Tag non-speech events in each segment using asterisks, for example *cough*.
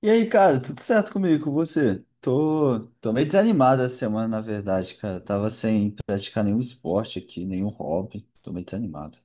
E aí, cara, tudo certo comigo, com você? Tô meio desanimado essa semana, na verdade, cara. Tava sem praticar nenhum esporte aqui, nenhum hobby. Tô meio desanimado.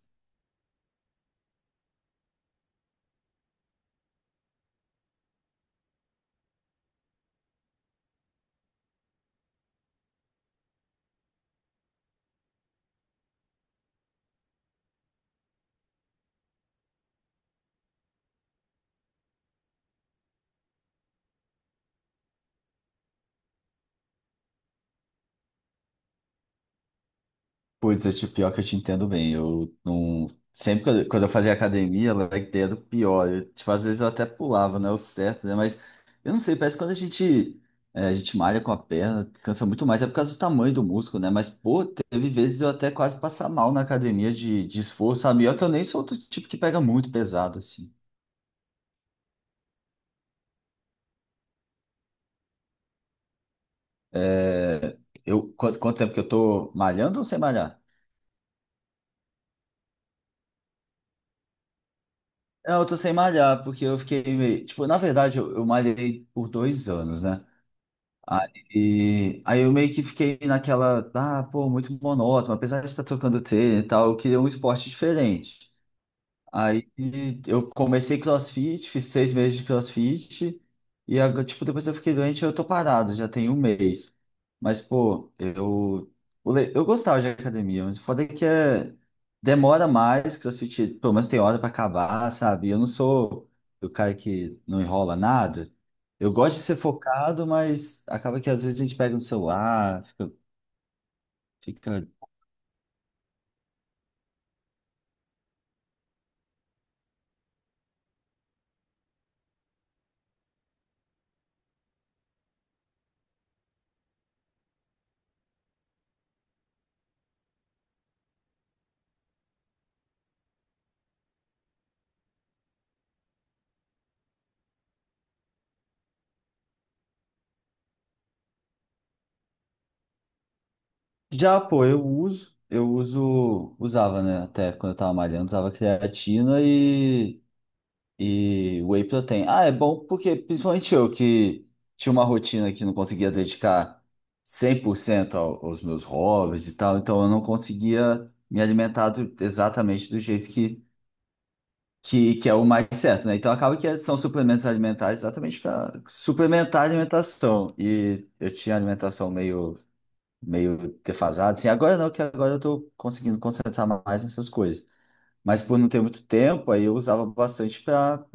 Pois é, tipo, pior que eu te entendo bem. Eu não. Sempre quando eu fazia academia, ela era a ideia do pior. Eu, tipo, às vezes eu até pulava, não é o certo, né? Mas eu não sei, parece que quando a gente malha com a perna, cansa muito mais, é por causa do tamanho do músculo, né? Mas, pô, teve vezes eu até quase passar mal na academia de esforço, sabe? E olha que eu nem sou do tipo que pega muito pesado, assim. É, quanto tempo que eu tô malhando ou sem malhar? Não, eu tô sem malhar, porque eu fiquei meio. Tipo, na verdade, eu malhei por dois anos, né? Aí eu meio que fiquei naquela. Ah, pô, muito monótono, apesar de estar trocando treino e tal, eu queria um esporte diferente. Aí eu comecei CrossFit, fiz seis meses de CrossFit e agora, tipo, depois eu fiquei doente, eu tô parado, já tem um mês. Mas, pô, eu, eu gostava de academia, mas o foda é que é, demora mais, CrossFit pelo menos tem hora pra acabar, sabe? Eu não sou o cara que não enrola nada. Eu gosto de ser focado, mas acaba que às vezes a gente pega no celular, fica, fica Já, pô, eu usava, né, até quando eu tava malhando, usava creatina e whey protein. Ah, é bom porque, principalmente eu, que tinha uma rotina que não conseguia dedicar 100% aos meus hobbies e tal, então eu não conseguia me alimentar exatamente do jeito que é o mais certo, né? Então acaba que são suplementos alimentares exatamente para suplementar a alimentação. E eu tinha alimentação meio defasado, assim, agora não, que agora eu tô conseguindo concentrar mais nessas coisas. Mas por não ter muito tempo, aí eu usava bastante para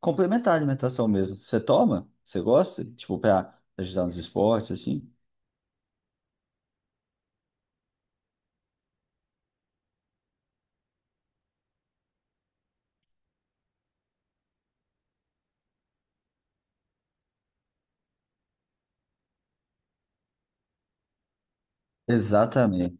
complementar a alimentação mesmo. Você toma? Você gosta? Tipo, para ajudar nos esportes, assim? Exatamente.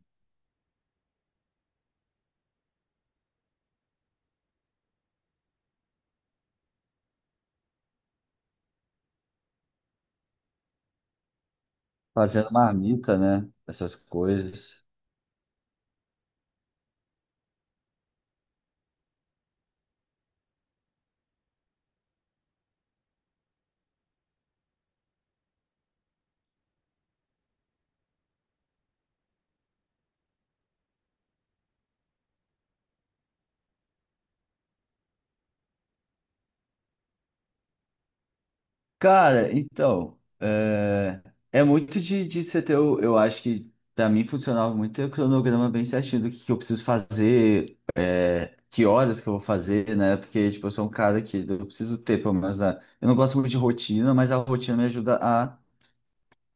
Fazendo marmita, né? Essas coisas. Cara, então, é, é muito de você ter, eu acho que para mim funcionava muito ter o cronograma bem certinho do que eu preciso fazer, é, que horas que eu vou fazer, né? Porque, tipo, eu sou um cara que eu preciso ter, pelo menos, né? Eu não gosto muito de rotina, mas a rotina me ajuda a,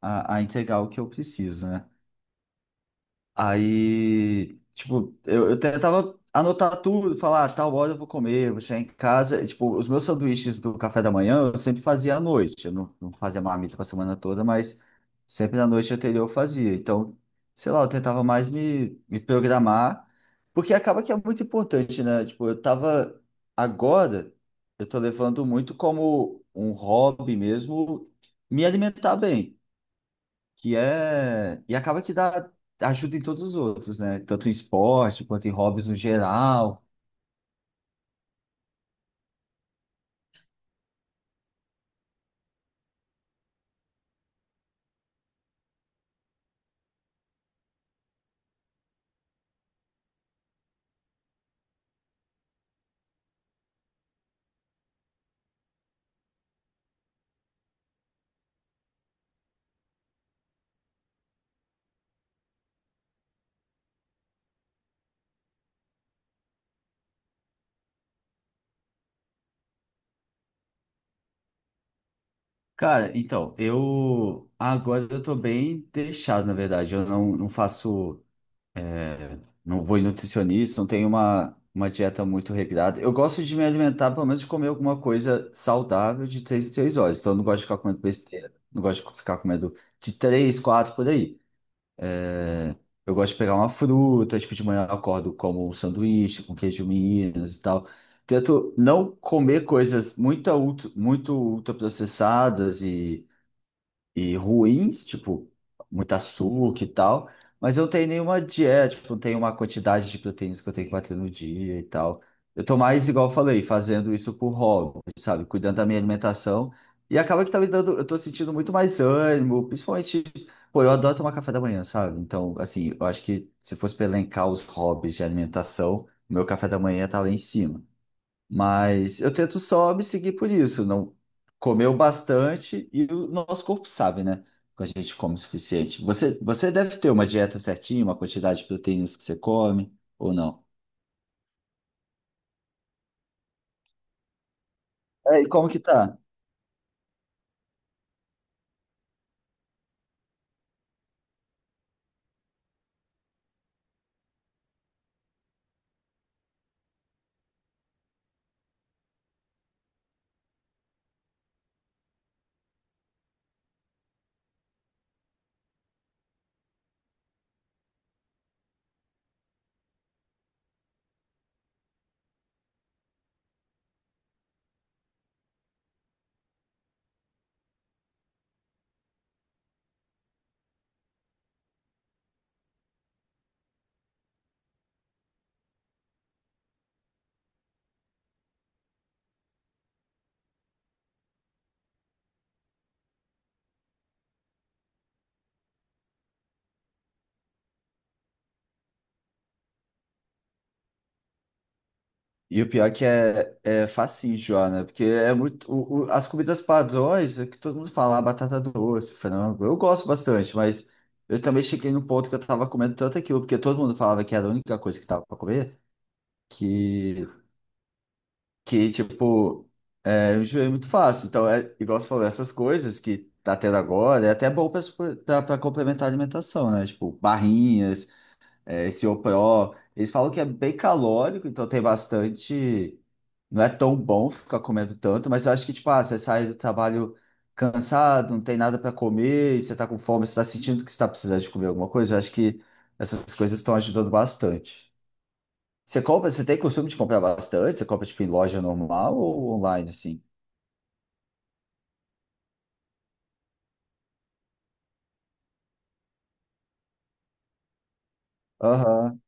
a, a entregar o que eu preciso, né? Aí, tipo, eu tentava anotar tudo, falar, ah, tal hora eu vou comer, vou chegar em casa. E, tipo, os meus sanduíches do café da manhã eu sempre fazia à noite. Eu não fazia marmita pra semana toda, mas sempre na noite anterior eu fazia. Então, sei lá, eu tentava mais me programar, porque acaba que é muito importante, né? Tipo, eu tava agora, eu tô levando muito como um hobby mesmo me alimentar bem que é e acaba que dá ajuda em todos os outros, né? Tanto em esporte quanto em hobbies no geral. Cara, então, eu agora eu tô bem deixado, na verdade. Eu não faço, é, não vou em nutricionista, não tenho uma dieta muito regrada. Eu gosto de me alimentar, pelo menos de comer alguma coisa saudável de três em três horas. Então, eu não gosto de ficar comendo besteira, não gosto de ficar comendo de três, quatro por aí. Eu gosto de pegar uma fruta, tipo, de manhã eu acordo como um sanduíche com queijo Minas e tal. Tento não comer coisas muito, muito ultraprocessadas e ruins, tipo, muito açúcar e tal, mas eu não tenho nenhuma dieta, tipo, não tenho uma quantidade de proteínas que eu tenho que bater no dia e tal. Eu tô mais, igual eu falei, fazendo isso por hobby, sabe? Cuidando da minha alimentação. E acaba que tá me dando, eu tô sentindo muito mais ânimo, principalmente, pô, eu adoro tomar café da manhã, sabe? Então, assim, eu acho que se fosse pra elencar os hobbies de alimentação, o meu café da manhã tá lá em cima. Mas eu tento só me seguir por isso, não comeu bastante e o nosso corpo sabe, né? Quando a gente come o suficiente. Você deve ter uma dieta certinha, uma quantidade de proteínas que você come, ou não? É, e como que tá? E o pior é que é, é facinho, Joana, porque é muito. As comidas padrões, é que todo mundo fala, ah, batata doce, frango. Eu gosto bastante, mas eu também cheguei num ponto que eu tava comendo tanto aquilo, porque todo mundo falava que era a única coisa que tava pra comer. que que, tipo, eu enjoei muito fácil. Então, é, igual você falou, essas coisas que tá tendo agora, é até bom pra pra complementar a alimentação, né? Tipo, barrinhas, é, esse Pro. Eles falam que é bem calórico, então tem bastante. Não é tão bom ficar comendo tanto, mas eu acho que, tipo, ah, você sai do trabalho cansado, não tem nada pra comer, e você tá com fome, você tá sentindo que você tá precisando de comer alguma coisa, eu acho que essas coisas estão ajudando bastante. Você compra, você tem costume de comprar bastante? Você compra tipo em loja normal ou online assim? Aham,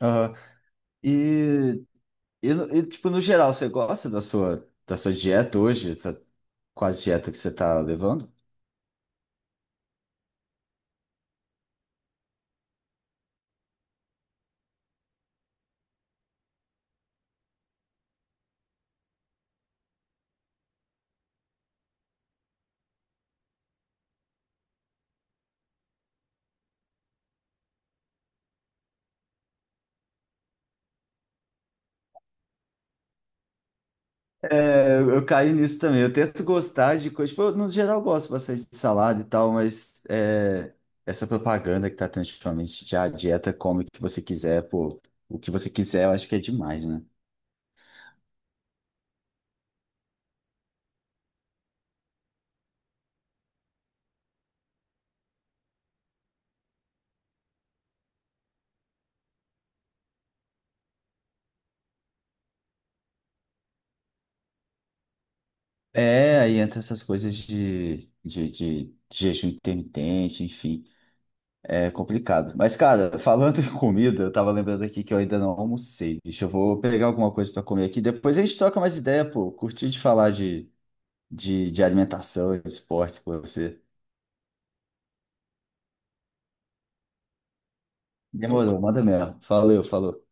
aham. E, e tipo no geral, você gosta da sua dieta hoje, essa quase dieta que você tá levando? É, eu caí nisso também. Eu tento gostar de coisa. Tipo, eu, no geral, eu gosto bastante de salada e tal, mas é, essa propaganda que tá tendo ultimamente de a dieta come o que você quiser, pô, o que você quiser, eu acho que é demais, né? É, aí entra essas coisas de jejum intermitente, enfim, é complicado. Mas, cara, *laughs* falando em comida, eu tava lembrando aqui que eu ainda não almocei. Deixa eu vou pegar alguma coisa pra comer aqui. Depois a gente troca mais ideia, pô. Curti de falar de alimentação, esporte com você. Demorou, manda mesmo. Valeu, falou.